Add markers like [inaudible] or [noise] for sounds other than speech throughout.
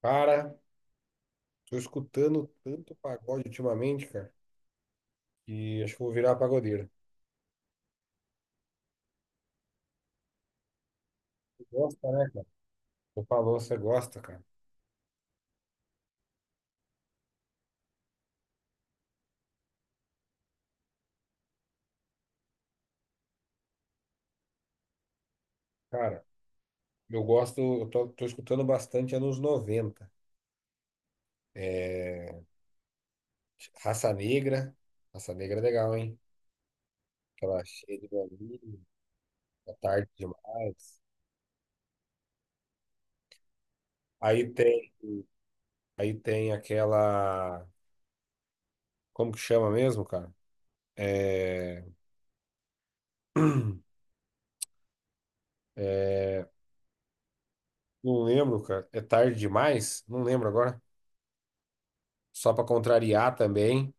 Cara, tô escutando tanto pagode ultimamente, cara, que acho que eu vou virar pagodeiro. Você gosta, né, cara? Você falou, você gosta, cara. Cara, eu gosto, eu tô escutando bastante anos 90. É, Raça Negra. Raça Negra é legal, hein? Aquela cheia de bolinho, tá tarde demais. Aí tem, aí tem aquela. Como que chama mesmo, cara? É. É, não lembro, cara. É tarde demais? Não lembro agora. Só pra contrariar também.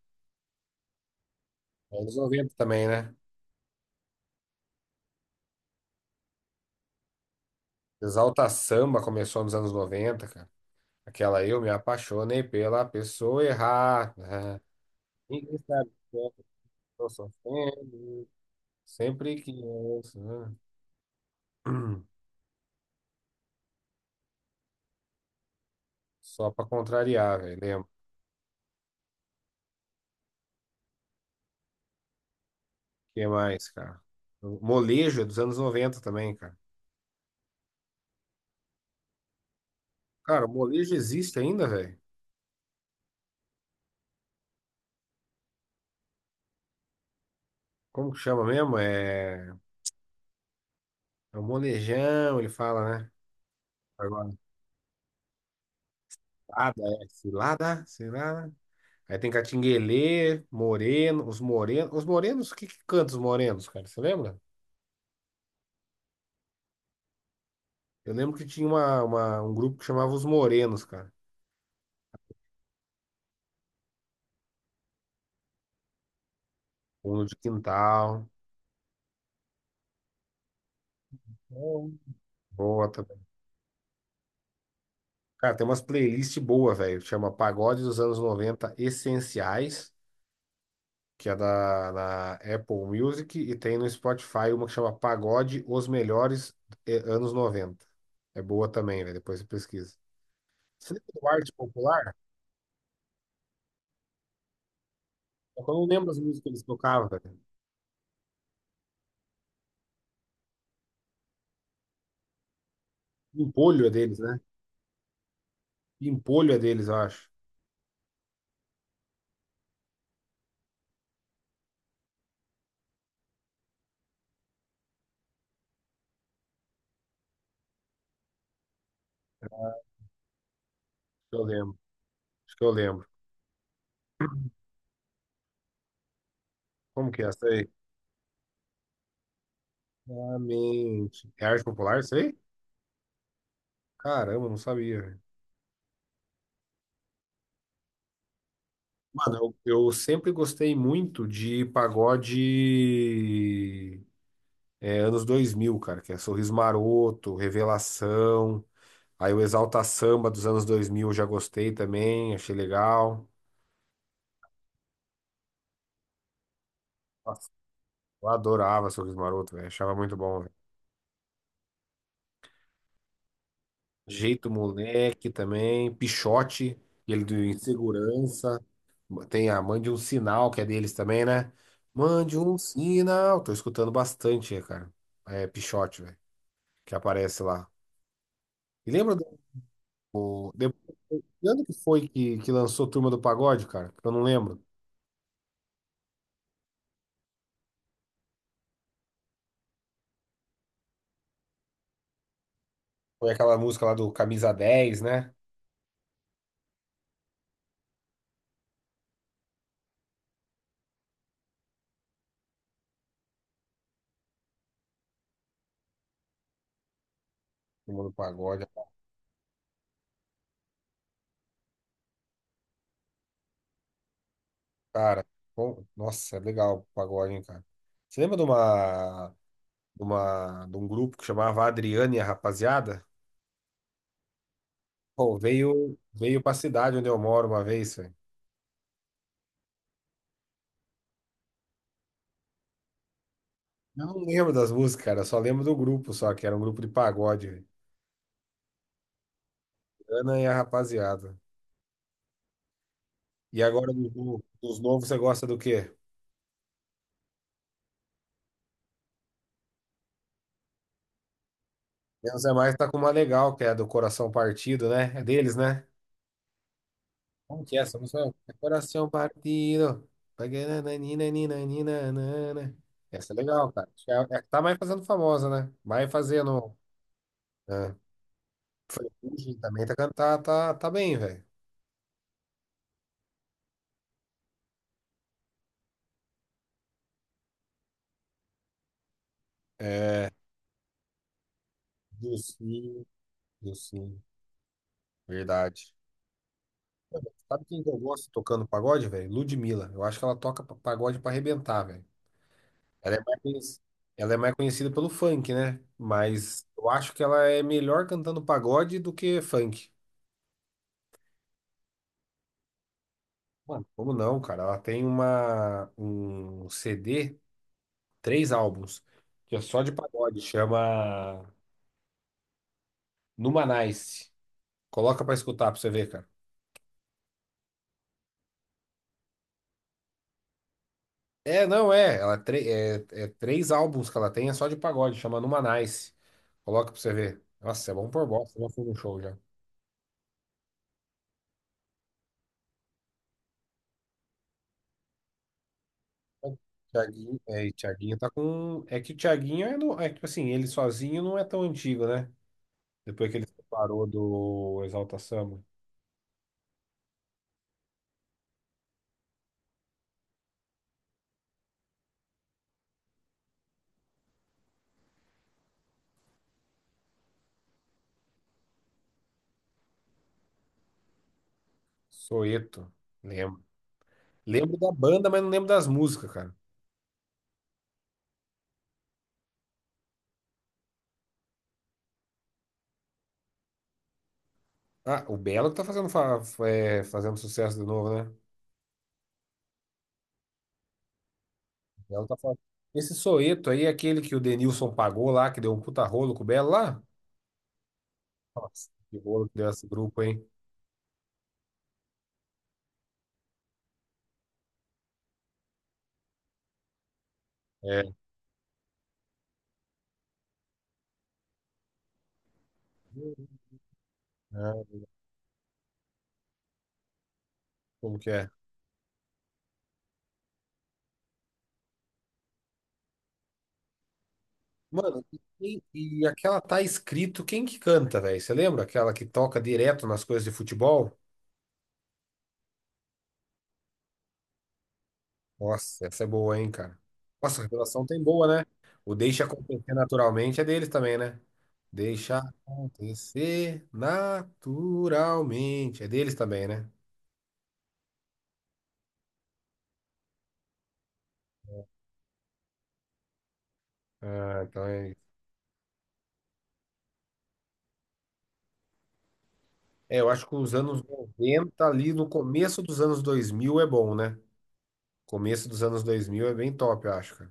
Anos 90 também, né? Exalta Samba começou nos anos 90, cara. Aquela eu me apaixonei pela pessoa errada, né? Ninguém sabe o que é que eu tô sofrendo. Sempre que eu, né? [clears throat] Só pra contrariar, velho. Lembro. O que mais, cara? O Molejo é dos anos 90 também, cara. Cara, o molejo existe ainda, velho? Como que chama mesmo? É o molejão, ele fala, né? Agora, cilada, é cilada, cilada. Aí tem Catinguelê, Moreno, os Morenos. Os Morenos, o que que canta os Morenos, cara? Você lembra? Eu lembro que tinha um grupo que chamava Os Morenos, cara. Fundo de Quintal, bom, boa também. Cara, tem umas playlists boas, velho. Chama Pagode dos Anos 90 Essenciais, que é na Apple Music, e tem no Spotify uma que chama Pagode Os Melhores Anos 90. É boa também, velho. Depois você pesquisa. Você lembra do Arte Popular? Só que eu não lembro as músicas que eles tocavam, velho. Pimpolho é deles, né? Pimpolho é deles, eu acho. Acho que eu lembro. Acho que eu lembro. Como que é essa aí? Exatamente. É arte popular, isso aí? Caramba, não sabia, velho. Mano, eu sempre gostei muito de pagode, anos 2000, cara, que é Sorriso Maroto, Revelação, aí o Exalta Samba dos anos 2000 eu já gostei também, achei legal. Nossa, eu adorava Sorriso Maroto, velho, achava muito bom, Jeito Moleque também, Pichote, ele do Insegurança. Tem a Mande um Sinal, que é deles também, né? Mande um sinal. Tô escutando bastante, cara. É Pichote, velho, que aparece lá. E lembra do. De, que ano que foi que lançou Turma do Pagode, cara? Eu não lembro. Foi aquela música lá do Camisa Dez, né? Turma do Pagode. Cara, bom, nossa, é legal o pagode, hein, cara. Você lembra de um grupo que chamava Adriane e a Rapaziada? Pô, veio pra cidade onde eu moro uma vez, velho. Eu não lembro das músicas, cara. Eu só lembro do grupo, só que era um grupo de pagode, velho. Ana e a rapaziada. E agora dos no- dos novos, você gosta do quê? Menos é mais tá com uma legal, que é do Coração Partido, né? É deles, né? Como que é essa música? É Coração Partido. Paganananinananinanana. Essa é legal, cara. Acho que é a que tá mais fazendo famosa, né? Vai fazendo, né? Ferrugem também tá cantando, tá bem, velho. É. Dos Sim, sim, verdade. Sabe quem que eu gosto tocando pagode, velho? Ludmilla. Eu acho que ela toca pagode pra arrebentar, velho. Ela é mais, conhec- ela é mais conhecida pelo funk, né? Mas eu acho que ela é melhor cantando pagode do que funk. Mano, como não, cara? Ela tem um CD, três álbuns, que é só de pagode, chama Numanice. Coloca pra escutar pra você ver, cara. É, não é. Ela é três álbuns que ela tem, é só de pagode, chama Numa Nice. Coloca pra você ver. Nossa, é bom por bosta, já fui no show já. É, Thiaguinho, é, e Thiaguinho tá com. É que o Thiaguinho é, no... é que assim, ele sozinho não é tão antigo, né? Depois que ele separou do Exalta Samba. Soeto, lembro. Lembro da banda, mas não lembro das músicas, cara. Ah, o Belo que tá fazendo sucesso de novo, né? O Belo tá fazendo. Esse Soeto aí é aquele que o Denilson pagou lá, que deu um puta rolo com o Belo lá? Nossa, que rolo que deu esse grupo, hein? É, né? Como que é? Mano, e aquela tá escrito quem que canta, velho? Você lembra? Aquela que toca direto nas coisas de futebol? Nossa, essa é boa, hein, cara? Nossa, a revelação tem boa, né? O Deixa Acontecer Naturalmente é deles também, né? Deixa acontecer naturalmente. É deles também, né? Ah, então é. É, eu acho que os anos 90 ali no começo dos anos 2000 é bom, né? Começo dos anos 2000 é bem top, eu acho, cara.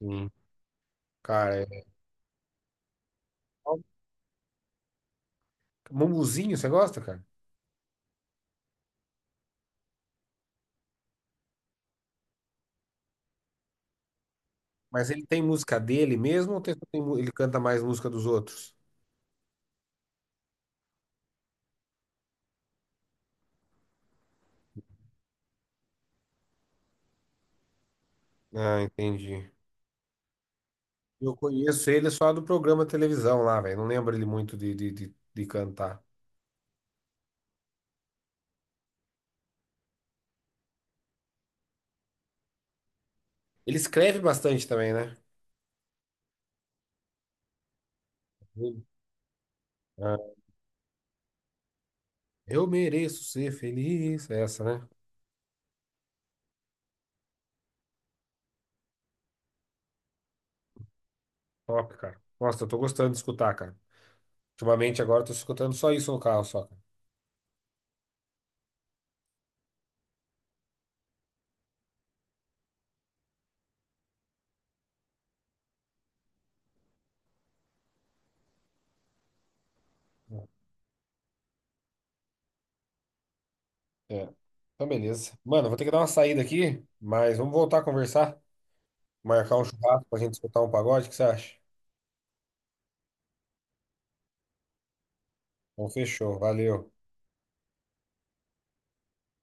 Sim. Cara, Mumuzinho, você gosta, cara? Mas ele tem música dele mesmo ou ele canta mais música dos outros? Ah, entendi. Eu conheço ele só do programa de televisão lá, velho. Não lembro ele muito de cantar. Ele escreve bastante também, né? Sim. Ah, eu mereço ser feliz. É essa, né? Top, cara. Nossa, eu tô gostando de escutar, cara. Ultimamente agora eu tô escutando só isso no carro, só, cara. É. Então, beleza. Mano, vou ter que dar uma saída aqui, mas vamos voltar a conversar. Marcar um churrasco pra gente escutar um pagode, o que você acha? Então, fechou. Valeu.